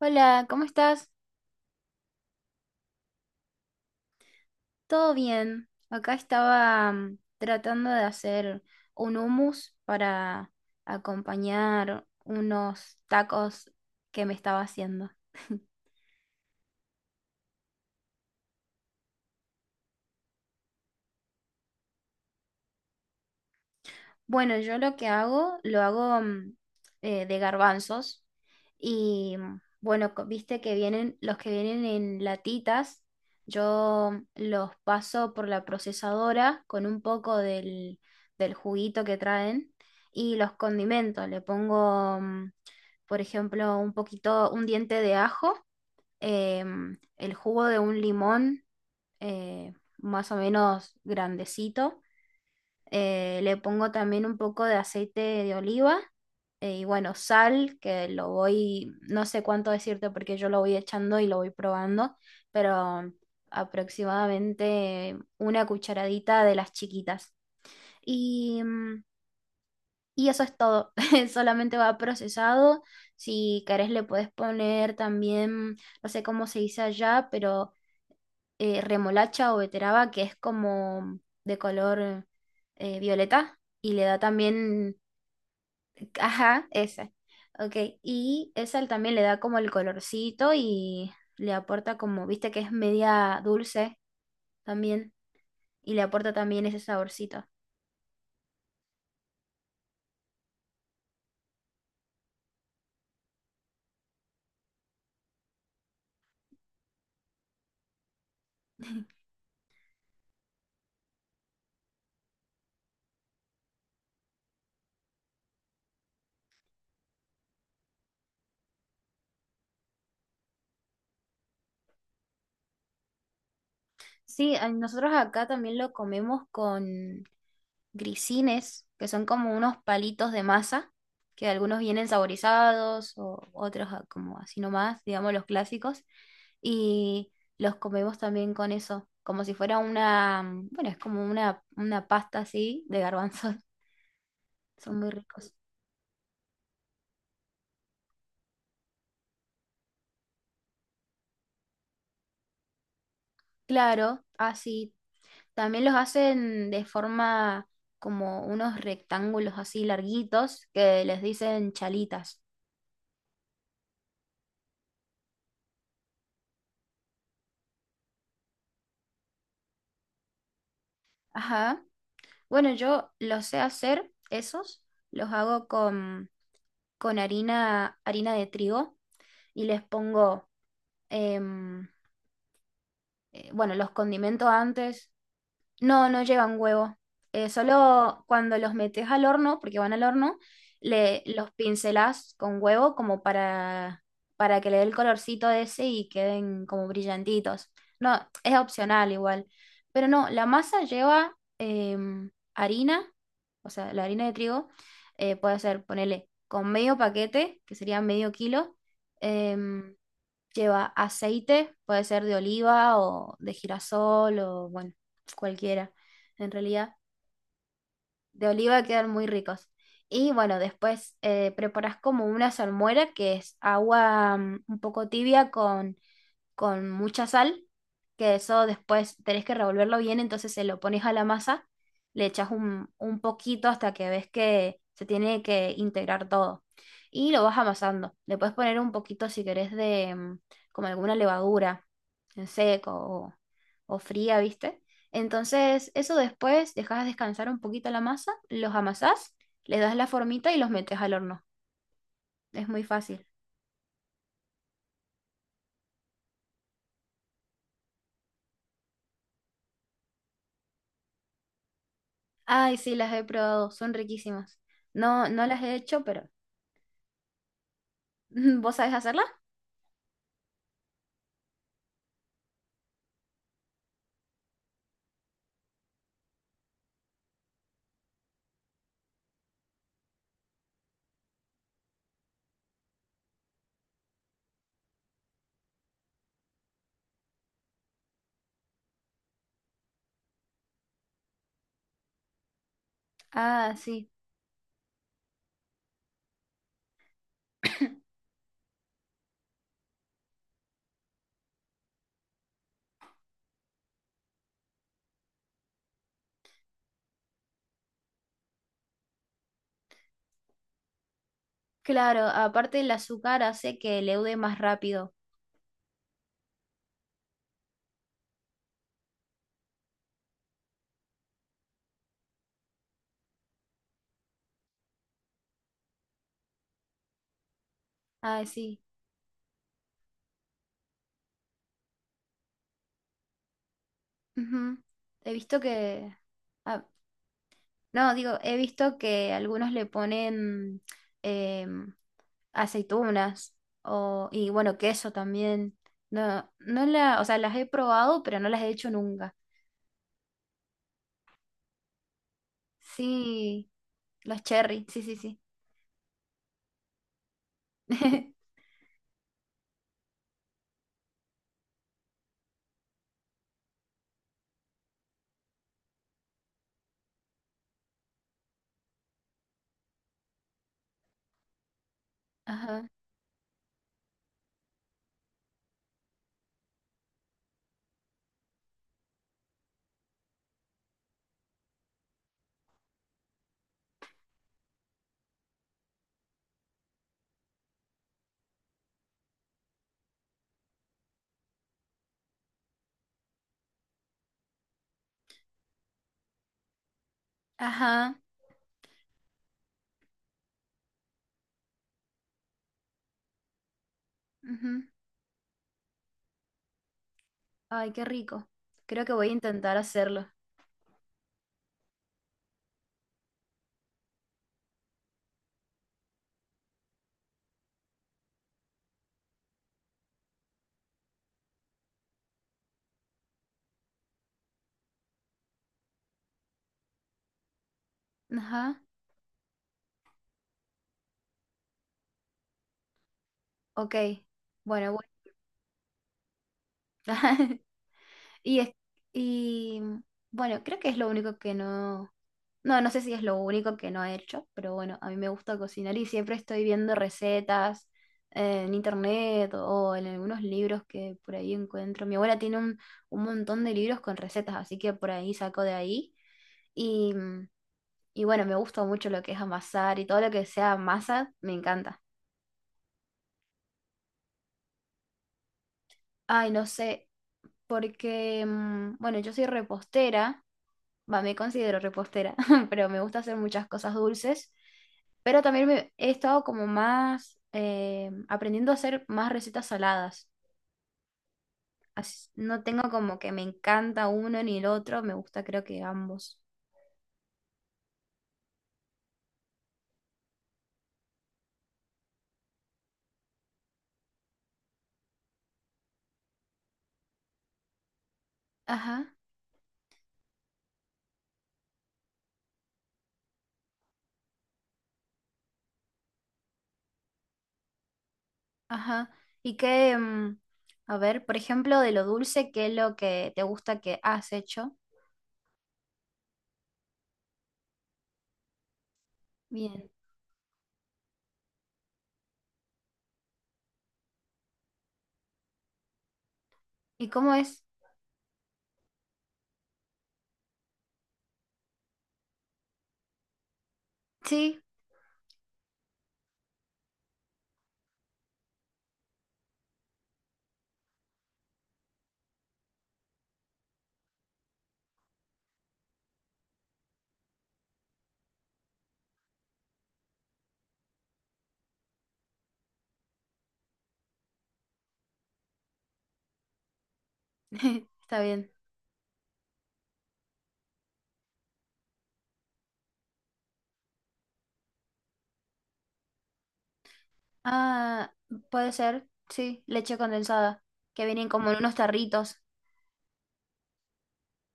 Hola, ¿cómo estás? ¿Todo bien? Acá estaba tratando de hacer un hummus para acompañar unos tacos que me estaba haciendo. Bueno, yo lo que hago, lo hago de garbanzos y bueno, viste que vienen, los que vienen en latitas, yo los paso por la procesadora con un poco del juguito que traen y los condimento. Le pongo, por ejemplo, un diente de ajo, el jugo de un limón eh, más o menos grandecito, le pongo también un poco de aceite de oliva, y bueno, sal, no sé cuánto decirte porque yo lo voy echando y lo voy probando, pero aproximadamente una cucharadita de las chiquitas. Y, mm, y eso es todo, solamente va procesado. Si querés le puedes poner también, no sé cómo se dice allá, pero remolacha o beteraba, que es como de color violeta, y le da también, ajá, esa. Ok, y esa también le da como el colorcito y le aporta como, viste que es media dulce también, y le aporta también ese saborcito. Sí, nosotros acá también lo comemos con grisines, que son como unos palitos de masa, que algunos vienen saborizados o otros, ah, como así nomás, digamos los clásicos, y los comemos también con eso, como si fuera una, bueno, es como una pasta así de garbanzos, son muy ricos. Claro, así. También los hacen de forma como unos rectángulos así larguitos que les dicen chalitas. Ajá. Bueno, yo los sé hacer, esos, los hago con harina, harina de trigo y les pongo, em, bueno, los condimento antes, no, no llevan huevo. Solo cuando los metes al horno, porque van al horno, los pincelás con huevo como para que le dé el colorcito ese y queden como brillantitos. No, es opcional igual. Pero no, la masa lleva harina, o sea, la harina de trigo, puede ser, ponele, con medio paquete, que sería medio kilo. em, Lleva aceite, puede ser de oliva o de girasol, o bueno, cualquiera, en realidad. De oliva quedan muy ricos. Y bueno, después, preparas como una salmuera, que es agua un poco tibia con mucha sal, que eso después tenés que revolverlo bien, entonces se lo pones a la masa, le echas un poquito hasta que ves que se tiene que integrar todo. Y lo vas amasando. Le puedes poner un poquito, si querés, de como alguna levadura en seco o fría, ¿viste? Entonces, eso después dejas descansar un poquito la masa, los amasás, le das la formita y los metes al horno. Es muy fácil. Ay, sí, las he probado, son riquísimas. No, no las he hecho, pero ¿vos sabés hacerlas? Ah, sí. Claro, aparte el azúcar hace que leude más rápido. Ah, sí. Ujú. He visto que... ah, no, digo, he visto que algunos le ponen em, aceitunas o, y bueno, queso también. No, o sea, las he probado, pero no las he hecho nunca. Sí, los cherry, sí, sí, sí. Ajá. Ajá. Ujú. Ay, qué rico. Creo que voy a intentar hacerlo. Ajá. Ok. Bueno, bueno. Y es, y bueno, creo que es lo único que no. No, no sé si es lo único que no he hecho, pero bueno, a mí me gusta cocinar y siempre estoy viendo recetas, en internet o en algunos libros que por ahí encuentro. Mi abuela tiene un montón de libros con recetas, así que por ahí saco de ahí. Y, y bueno, me gusta mucho lo que es amasar y todo lo que sea masa, me encanta. Ay, no sé, porque, mm, bueno, yo soy repostera, va, me considero repostera, pero me gusta hacer muchas cosas dulces, pero también he estado como más, aprendiendo a hacer más recetas saladas. No tengo como que me encanta uno ni el otro, me gusta creo que ambos. Ajá, ajá. Y que, mm, a ver, por ejemplo, de lo dulce, ¿qué es lo que te gusta que has hecho? Bien. ¿Y cómo es? Sí, está bien. Ah, puede ser, sí, leche condensada, que vienen como en unos tarritos.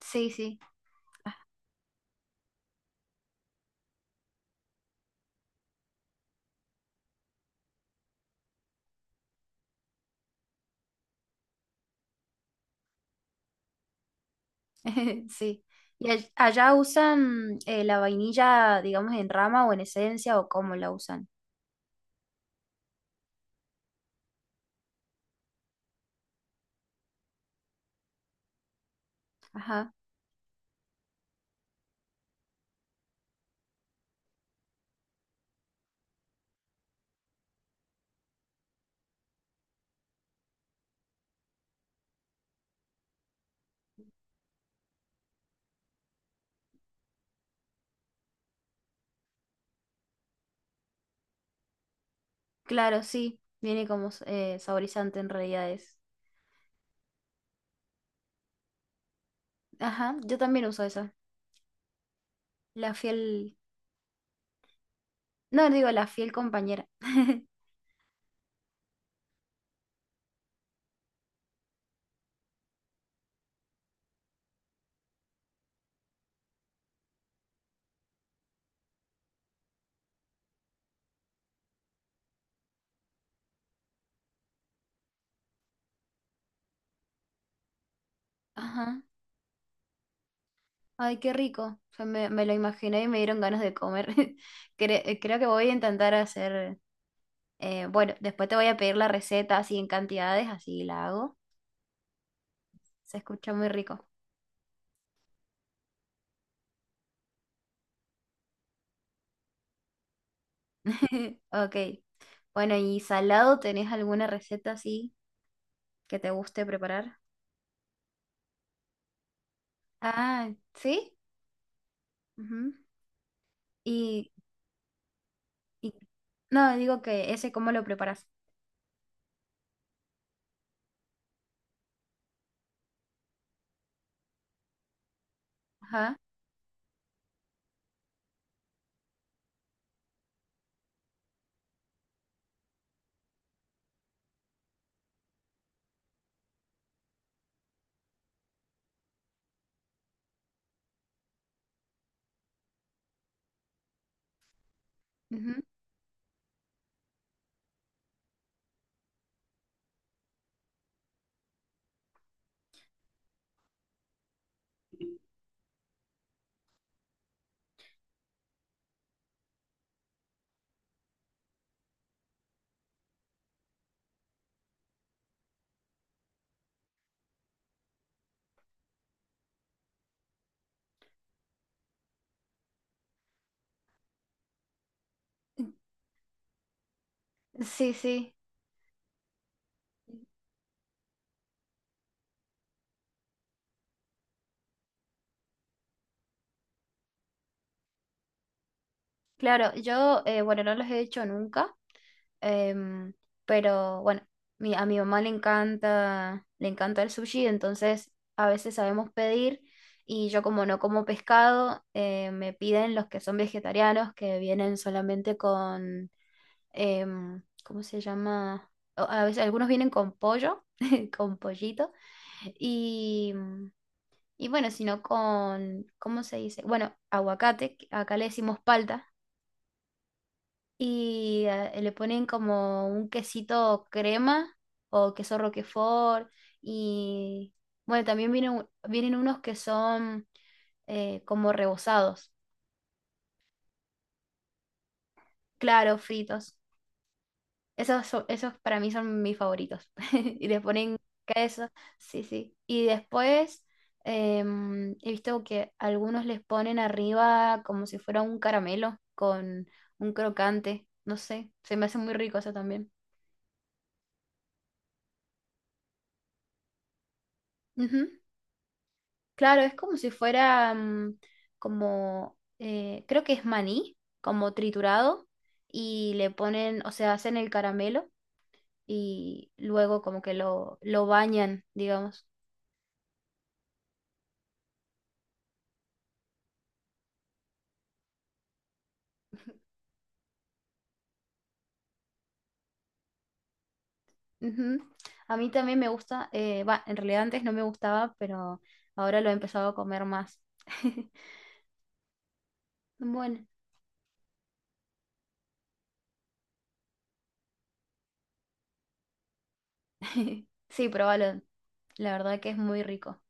Sí, sí, sí. ¿Y allá usan, la vainilla, digamos, en rama o en esencia o cómo la usan? Ajá, claro, sí, viene como, saborizante en realidad es. Ajá, yo también uso esa, la fiel, no, digo, la fiel compañera. Ajá, ay, qué rico. O sea, me lo imaginé y me dieron ganas de comer. Creo que voy a intentar hacer... bueno, después te voy a pedir la receta así en cantidades, así la hago. Se escucha muy rico. Ok. Bueno, ¿y salado tenés alguna receta así que te guste preparar? Ah, ¿sí? Ujú. Y, y- no, digo que ese cómo lo preparas. Ajá. Ujú. Sí, sí. Claro, yo, bueno, no los he hecho nunca. Em, pero bueno, a mi mamá le encanta el sushi, entonces a veces sabemos pedir, y yo como no como pescado, me piden los que son vegetarianos, que vienen solamente con, em, ¿cómo se llama? A veces algunos vienen con pollo, con pollito, y, y bueno, sino con, ¿cómo se dice? Bueno, aguacate, que acá le decimos palta, y le ponen como un quesito crema o queso roquefort, y bueno, también vienen, vienen unos que son, como rebozados, claro, fritos. Esos, esos para mí son mis favoritos. Y les ponen queso, sí, sí. Y después, em, he visto que algunos les ponen arriba como si fuera un caramelo con un crocante. No sé, se me hace muy rico eso también. Ujú. Claro, es como si fuera creo que es maní, como triturado, y le ponen, o sea, hacen el caramelo y luego como que lo bañan, digamos. Ujú. A mí también me gusta, va, en realidad antes no me gustaba, pero ahora lo he empezado a comer más. Bueno, sí, probalo, la verdad que es muy rico.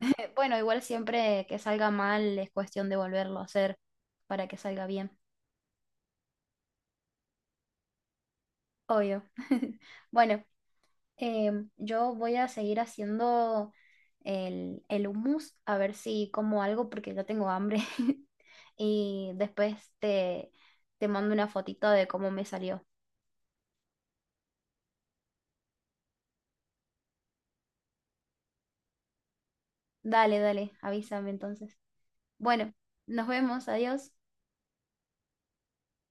Bueno, igual siempre que salga mal es cuestión de volverlo a hacer para que salga bien. Obvio. Bueno, em, yo voy a seguir haciendo el hummus, a ver si como algo porque ya tengo hambre. Y después te mando una fotito de cómo me salió. Dale, dale, avísame entonces. Bueno, nos vemos, adiós.